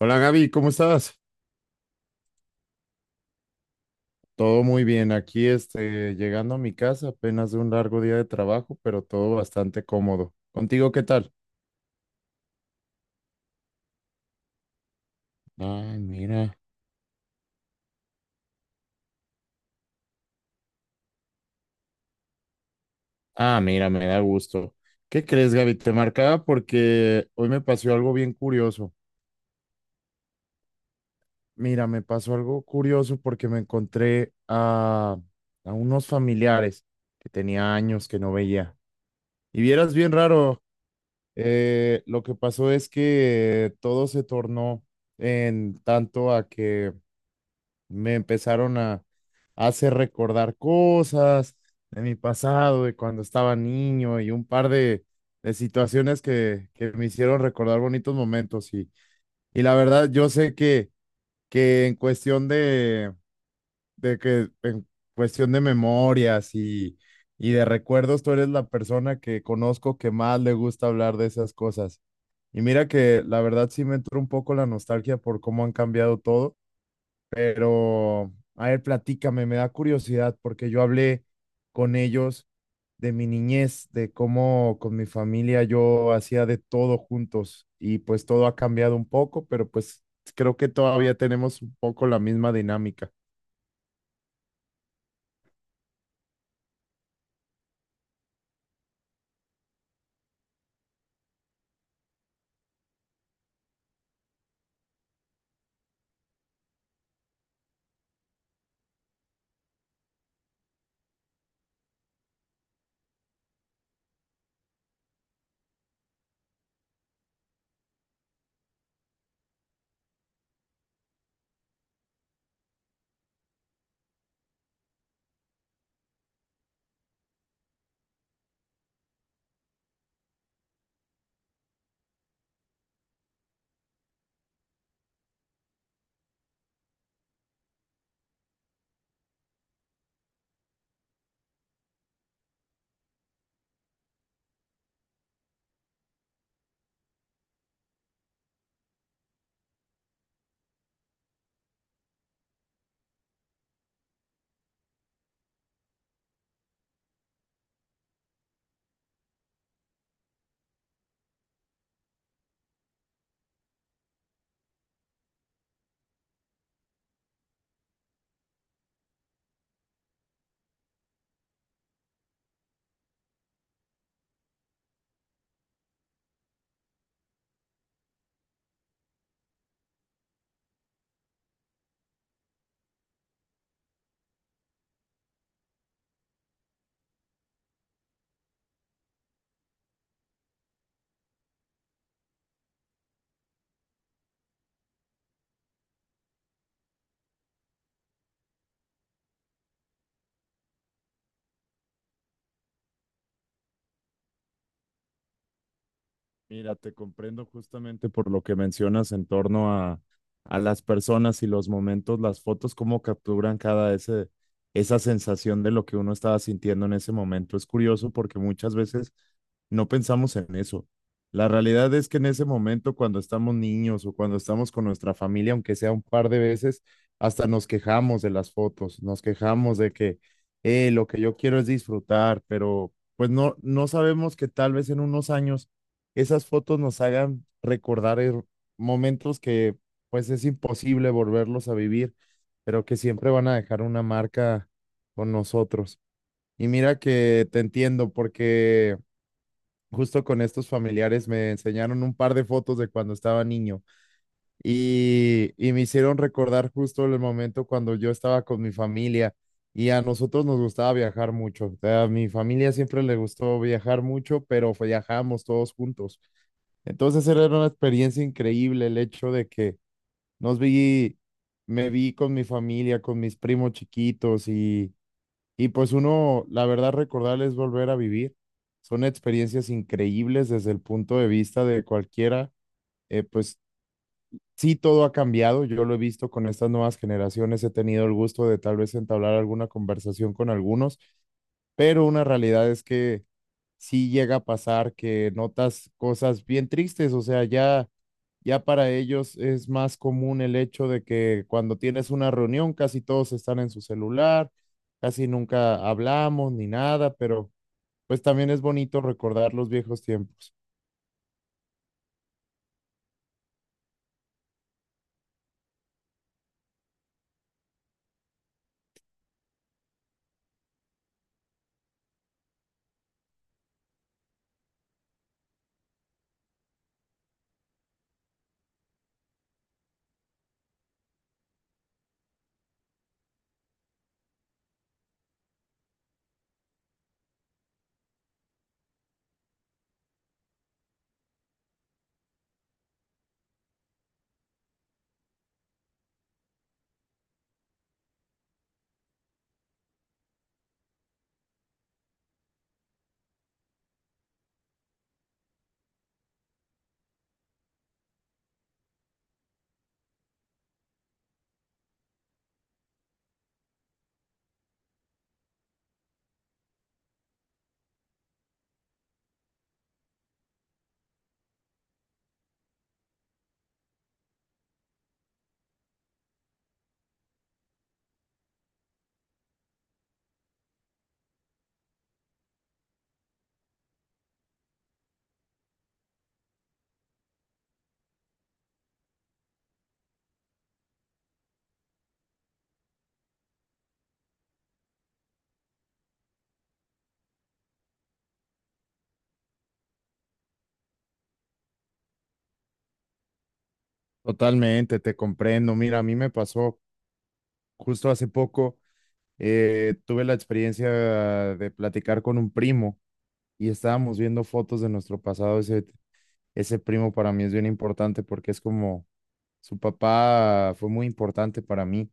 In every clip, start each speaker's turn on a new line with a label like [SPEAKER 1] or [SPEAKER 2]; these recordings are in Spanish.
[SPEAKER 1] Hola Gaby, ¿cómo estás? Todo muy bien. Aquí llegando a mi casa apenas de un largo día de trabajo, pero todo bastante cómodo. ¿Contigo qué tal? Ah, mira. Ah, mira, me da gusto. ¿Qué crees, Gaby? Te marcaba porque hoy me pasó algo bien curioso. Mira, me pasó algo curioso porque me encontré a unos familiares que tenía años que no veía. Y vieras bien raro. Lo que pasó es que todo se tornó en tanto a que me empezaron a hacer recordar cosas de mi pasado, de cuando estaba niño y un par de situaciones que me hicieron recordar bonitos momentos. Y la verdad, yo sé que en cuestión de que en cuestión de memorias y de recuerdos, tú eres la persona que conozco que más le gusta hablar de esas cosas. Y mira que la verdad sí me entró un poco la nostalgia por cómo han cambiado todo, pero a ver, platícame, me da curiosidad porque yo hablé con ellos de mi niñez, de cómo con mi familia yo hacía de todo juntos y pues todo ha cambiado un poco, pero pues creo que todavía tenemos un poco la misma dinámica. Mira, te comprendo justamente por lo que mencionas en torno a las personas y los momentos, las fotos, cómo capturan cada ese, esa sensación de lo que uno estaba sintiendo en ese momento. Es curioso porque muchas veces no pensamos en eso. La realidad es que en ese momento, cuando estamos niños o cuando estamos con nuestra familia, aunque sea un par de veces, hasta nos quejamos de las fotos, nos quejamos de que lo que yo quiero es disfrutar, pero pues no, no sabemos que tal vez en unos años esas fotos nos hagan recordar her- momentos que pues es imposible volverlos a vivir, pero que siempre van a dejar una marca con nosotros. Y mira que te entiendo porque justo con estos familiares me enseñaron un par de fotos de cuando estaba niño y me hicieron recordar justo el momento cuando yo estaba con mi familia. Y a nosotros nos gustaba viajar mucho. A mi familia siempre le gustó viajar mucho, pero viajábamos todos juntos. Entonces era una experiencia increíble el hecho de que nos vi, me vi con mi familia, con mis primos chiquitos y pues uno, la verdad, recordar es volver a vivir. Son experiencias increíbles desde el punto de vista de cualquiera. Pues sí, todo ha cambiado. Yo lo he visto con estas nuevas generaciones. He tenido el gusto de tal vez entablar alguna conversación con algunos, pero una realidad es que sí llega a pasar que notas cosas bien tristes, o sea, ya, ya para ellos es más común el hecho de que cuando tienes una reunión casi todos están en su celular, casi nunca hablamos ni nada, pero pues también es bonito recordar los viejos tiempos. Totalmente, te comprendo. Mira, a mí me pasó justo hace poco. Tuve la experiencia de platicar con un primo y estábamos viendo fotos de nuestro pasado. Ese primo para mí es bien importante porque es como su papá fue muy importante para mí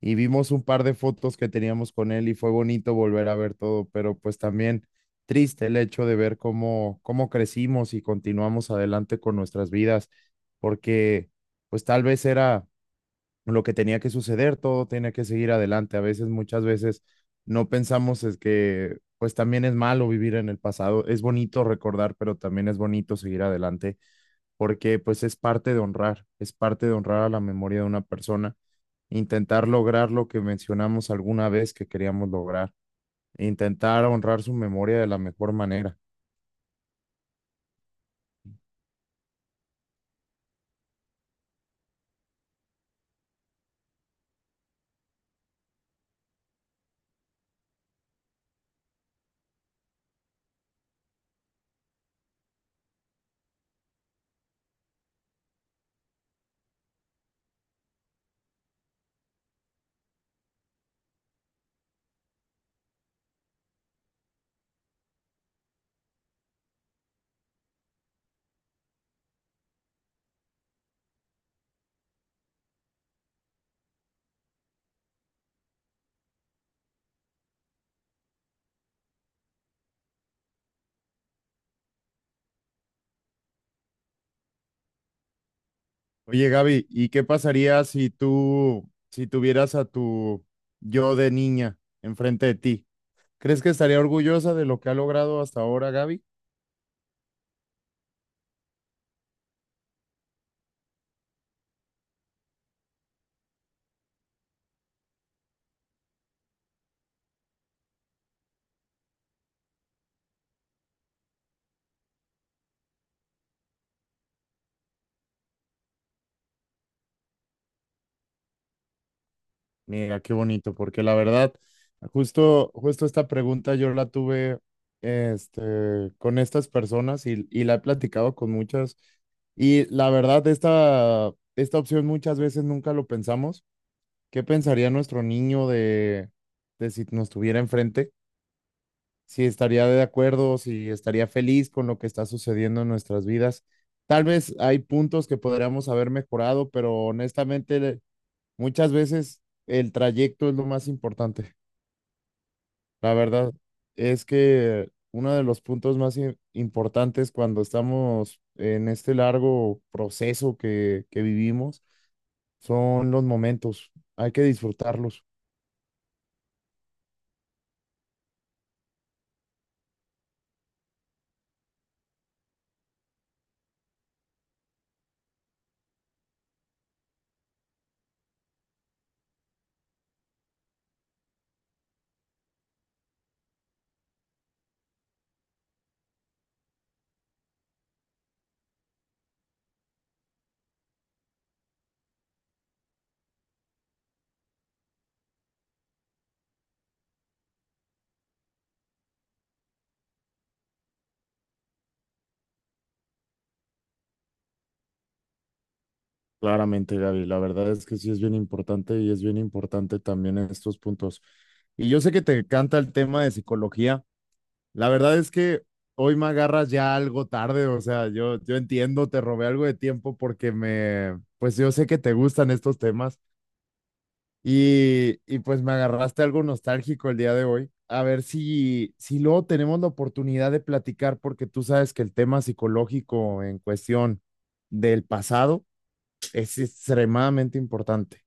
[SPEAKER 1] y vimos un par de fotos que teníamos con él y fue bonito volver a ver todo, pero pues también triste el hecho de ver cómo, cómo crecimos y continuamos adelante con nuestras vidas, porque pues tal vez era lo que tenía que suceder, todo tenía que seguir adelante. A veces, muchas veces no pensamos es que pues también es malo vivir en el pasado, es bonito recordar, pero también es bonito seguir adelante porque pues es parte de honrar, es parte de honrar a la memoria de una persona, intentar lograr lo que mencionamos alguna vez que queríamos lograr, intentar honrar su memoria de la mejor manera. Oye, Gaby, ¿y qué pasaría si tú, si tuvieras a tu yo de niña enfrente de ti? ¿Crees que estaría orgullosa de lo que ha logrado hasta ahora, Gaby? Mira, qué bonito, porque la verdad, justo, justo esta pregunta yo la tuve este, con estas personas y la he platicado con muchas. Y la verdad, esta opción muchas veces nunca lo pensamos. ¿Qué pensaría nuestro niño de si nos tuviera enfrente? Si estaría de acuerdo, si estaría feliz con lo que está sucediendo en nuestras vidas. Tal vez hay puntos que podríamos haber mejorado, pero honestamente muchas veces el trayecto es lo más importante. La verdad es que uno de los puntos más i- importantes cuando estamos en este largo proceso que vivimos son los momentos. Hay que disfrutarlos. Claramente, Gaby, la verdad es que sí es bien importante y es bien importante también estos puntos. Y yo sé que te encanta el tema de psicología. La verdad es que hoy me agarras ya algo tarde, o sea, yo entiendo, te robé algo de tiempo porque me, pues yo sé que te gustan estos temas y pues me agarraste algo nostálgico el día de hoy. A ver si, si luego tenemos la oportunidad de platicar porque tú sabes que el tema psicológico en cuestión del pasado es extremadamente importante.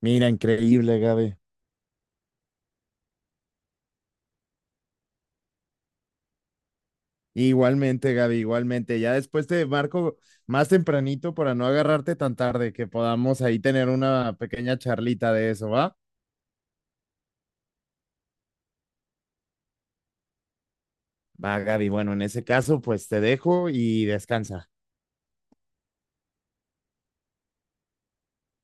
[SPEAKER 1] Mira, increíble, Gaby. Igualmente, Gaby, igualmente. Ya después te marco más tempranito para no agarrarte tan tarde, que podamos ahí tener una pequeña charlita de eso, ¿va? Va, Gaby. Bueno, en ese caso, pues te dejo y descansa.